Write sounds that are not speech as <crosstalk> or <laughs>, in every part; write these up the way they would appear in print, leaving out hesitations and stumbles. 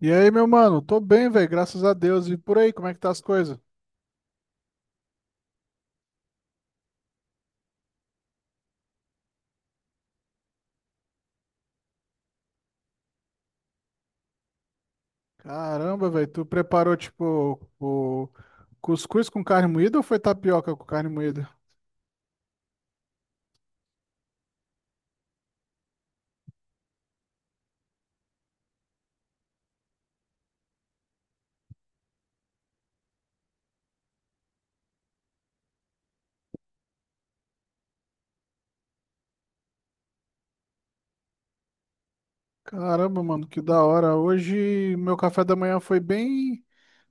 E aí, meu mano? Tô bem, velho, graças a Deus. E por aí, como é que tá as coisas? Caramba, velho, tu preparou tipo o cuscuz com carne moída ou foi tapioca com carne moída? Caramba, mano, que da hora. Hoje meu café da manhã foi bem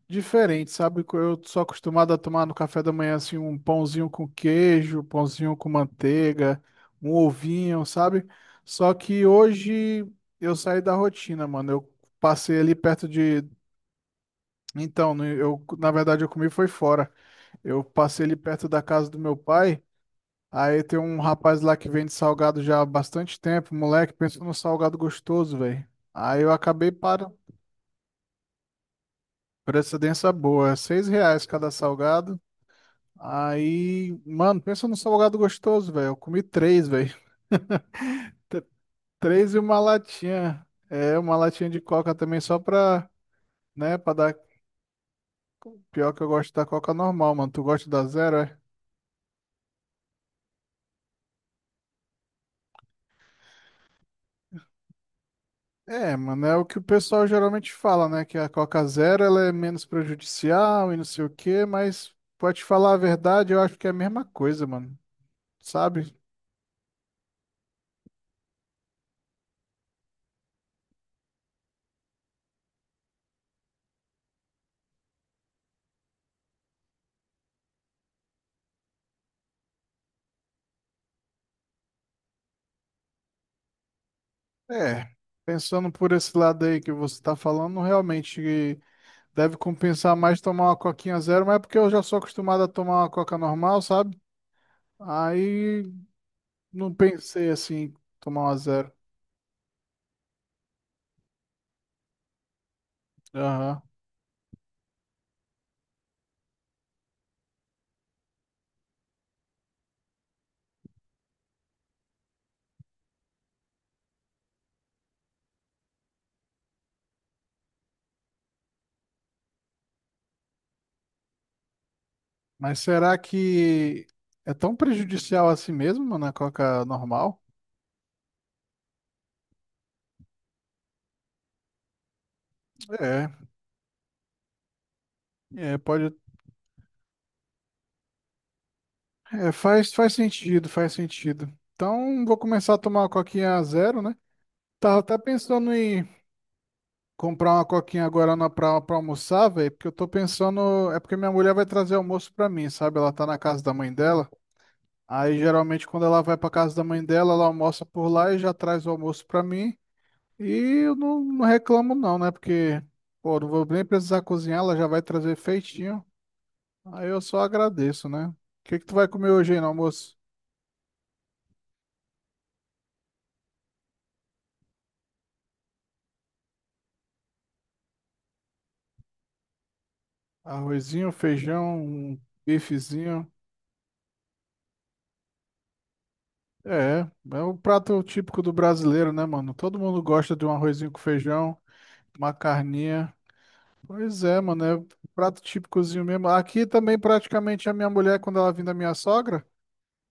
diferente, sabe? Eu sou acostumado a tomar no café da manhã assim um pãozinho com queijo, pãozinho com manteiga, um ovinho, sabe? Só que hoje eu saí da rotina, mano. Eu passei ali perto de... Então, na verdade, eu comi foi fora. Eu passei ali perto da casa do meu pai. Aí tem um rapaz lá que vende salgado já há bastante tempo. Moleque, pensou num salgado gostoso, velho. Aí eu acabei para... precedência boa. É, R$ 6 cada salgado. Aí, mano, pensa num salgado gostoso, velho. Eu comi três, velho. <laughs> Tr- Três e uma latinha. É, uma latinha de coca também só pra, né, pra dar. Pior que eu gosto da coca normal, mano. Tu gosta da zero, é? É, mano, é o que o pessoal geralmente fala, né? Que a Coca Zero ela é menos prejudicial e não sei o quê, mas pode falar a verdade, eu acho que é a mesma coisa, mano. Sabe? É, pensando por esse lado aí que você tá falando, realmente deve compensar mais tomar uma Coquinha Zero, mas é porque eu já sou acostumado a tomar uma Coca normal, sabe? Aí não pensei assim, tomar uma zero. Aham. Mas será que é tão prejudicial assim mesmo, mano, a Coca normal? É. É, pode. É, faz sentido, faz sentido. Então, vou começar a tomar uma coquinha a zero, né? Tava até pensando em comprar uma coquinha agora na, pra, pra almoçar, velho, porque eu tô pensando. É porque minha mulher vai trazer almoço pra mim, sabe? Ela tá na casa da mãe dela. Aí, geralmente, quando ela vai pra casa da mãe dela, ela almoça por lá e já traz o almoço pra mim. E eu não reclamo, não, né? Porque, pô, não vou nem precisar cozinhar, ela já vai trazer feitinho. Aí eu só agradeço, né? O que que tu vai comer hoje aí no almoço? Arrozinho, feijão, um bifezinho. É, é o prato típico do brasileiro, né, mano? Todo mundo gosta de um arrozinho com feijão, uma carninha. Pois é, mano, é prato típicozinho mesmo. Aqui também, praticamente, a minha mulher, quando ela vem da minha sogra,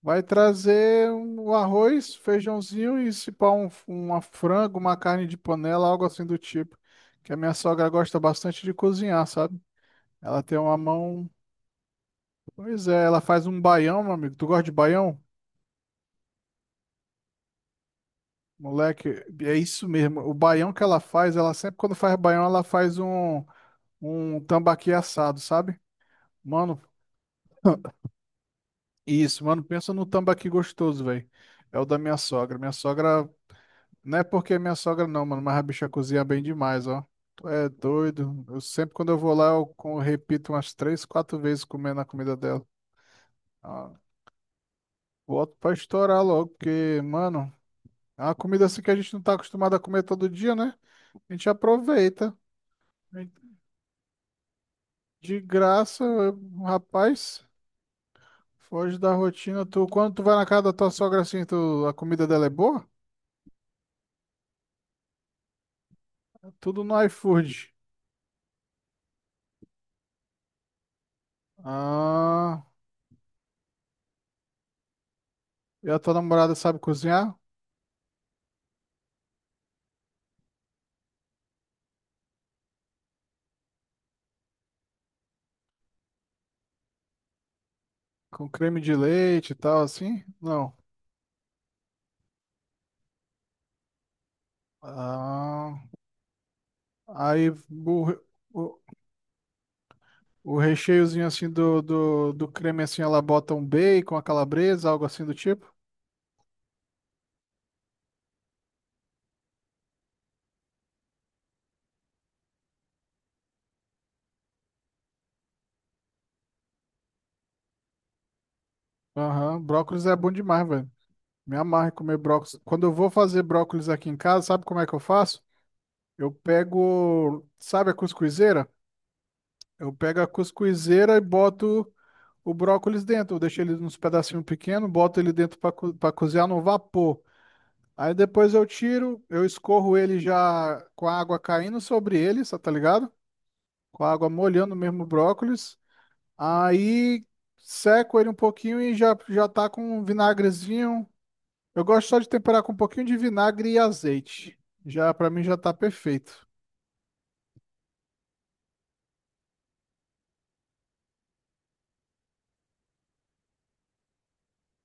vai trazer um arroz, feijãozinho e se pá, uma frango, uma carne de panela, algo assim do tipo. Que a minha sogra gosta bastante de cozinhar, sabe? Ela tem uma mão. Pois é, ela faz um baião, meu amigo. Tu gosta de baião? Moleque, é isso mesmo. O baião que ela faz, ela sempre quando faz baião, ela faz um tambaqui assado, sabe? Mano, isso, mano, pensa no tambaqui gostoso, velho. É o da minha sogra. Minha sogra, não é porque é minha sogra não, mano, mas a bicha cozinha bem demais, ó. Tu é doido. Eu sempre quando eu vou lá, repito umas três, quatro vezes comendo a comida dela. Ah, boto pra estourar logo, porque, mano, é uma comida assim que a gente não tá acostumado a comer todo dia, né? A gente aproveita. De graça, rapaz, foge da rotina. Tu, quando tu vai na casa da tua sogra assim, tu, a comida dela é boa? Tudo no iFood. Ah, e a tua namorada sabe cozinhar? Com creme de leite e tal, assim? Não. Ah, aí o, o, o recheiozinho assim do creme assim, ela bota um bacon, a calabresa, algo assim do tipo? Aham, brócolis é bom demais, velho. Me amarra em comer brócolis. Quando eu vou fazer brócolis aqui em casa, sabe como é que eu faço? Eu pego, sabe a cuscuzeira? Eu pego a cuscuzeira e boto o brócolis dentro. Eu deixo ele nos pedacinhos pequenos, boto ele dentro para co pra cozinhar no vapor. Aí depois eu tiro, eu escorro ele já com a água caindo sobre ele, só tá ligado? Com a água molhando mesmo o brócolis. Aí seco ele um pouquinho e já tá com um vinagrezinho. Eu gosto só de temperar com um pouquinho de vinagre e azeite. Já para mim já tá perfeito.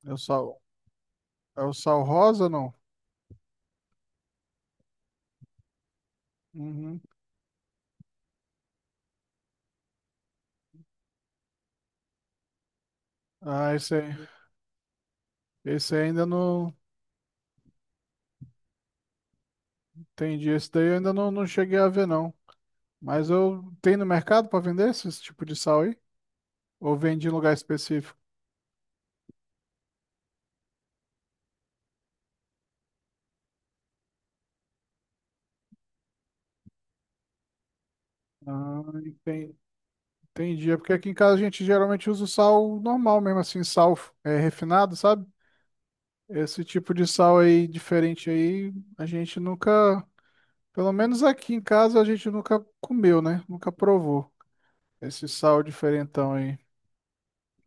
Eu só... é o sal rosa, não? Uhum. Ah, esse aí ainda não entendi. Esse daí eu ainda não cheguei a ver, não. Mas eu tenho no mercado para vender esse, esse tipo de sal aí? Ou vende em lugar específico? Ah, entendi. É porque aqui em casa a gente geralmente usa o sal normal mesmo, assim, sal é, refinado, sabe? Esse tipo de sal aí diferente aí, a gente nunca, pelo menos aqui em casa, a gente nunca comeu, né? Nunca provou esse sal diferentão aí.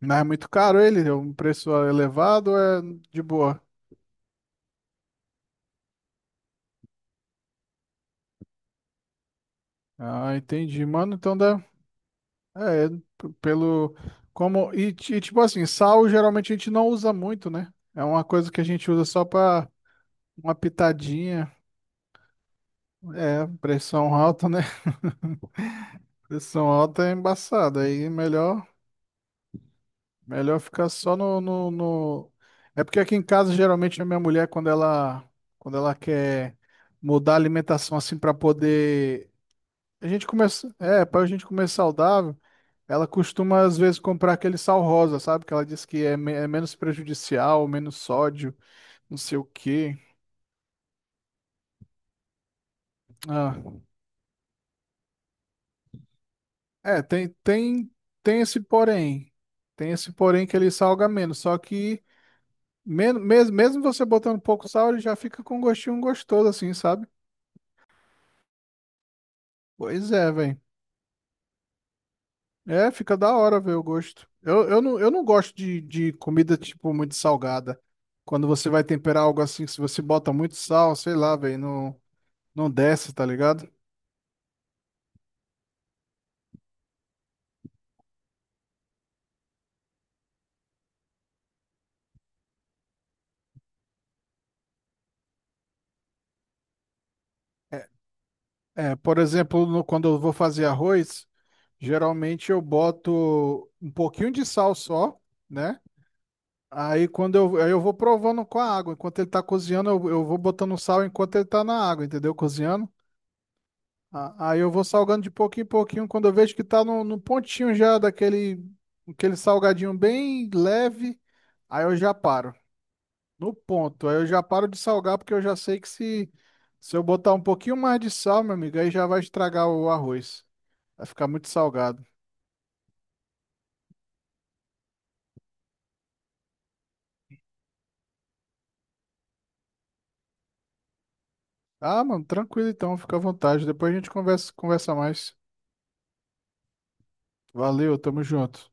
Mas é muito caro ele, é um preço ah, elevado, ou é de boa. Ah, entendi, mano. Então dá. É, p- pelo. Como. E, tipo assim, sal geralmente a gente não usa muito, né? É uma coisa que a gente usa só pra uma pitadinha. É, pressão alta, né? <laughs> Pressão alta é embaçada. Aí melhor, melhor ficar só no, no... É porque aqui em casa, geralmente, a minha mulher, quando ela quer mudar a alimentação assim pra poder... A gente começa, é, para a gente comer saudável, ela costuma às vezes comprar aquele sal rosa, sabe? Que ela diz que é, é menos prejudicial, menos sódio, não sei o quê. Ah, é, tem esse porém. Tem esse porém que ele salga menos, só que men mesmo, mesmo você botando pouco sal, ele já fica com um gostinho gostoso assim, sabe? Pois é, velho. É, fica da hora ver o gosto. Eu não gosto de comida, tipo, muito salgada. Quando você vai temperar algo assim, se você bota muito sal, sei lá, velho, não desce, tá ligado? É, por exemplo, quando eu vou fazer arroz, geralmente eu boto um pouquinho de sal só, né? Aí aí eu vou provando com a água. Enquanto ele tá cozinhando, eu vou botando sal enquanto ele tá na água, entendeu? Cozinhando. Aí eu vou salgando de pouquinho em pouquinho. Quando eu vejo que tá no pontinho já daquele aquele salgadinho bem leve, aí eu já paro. No ponto. Aí eu já paro de salgar porque eu já sei que se eu botar um pouquinho mais de sal, meu amigo, aí já vai estragar o arroz. Vai ficar muito salgado. Ah, mano, tranquilo então, fica à vontade. Depois a gente conversa, conversa mais. Valeu, tamo junto.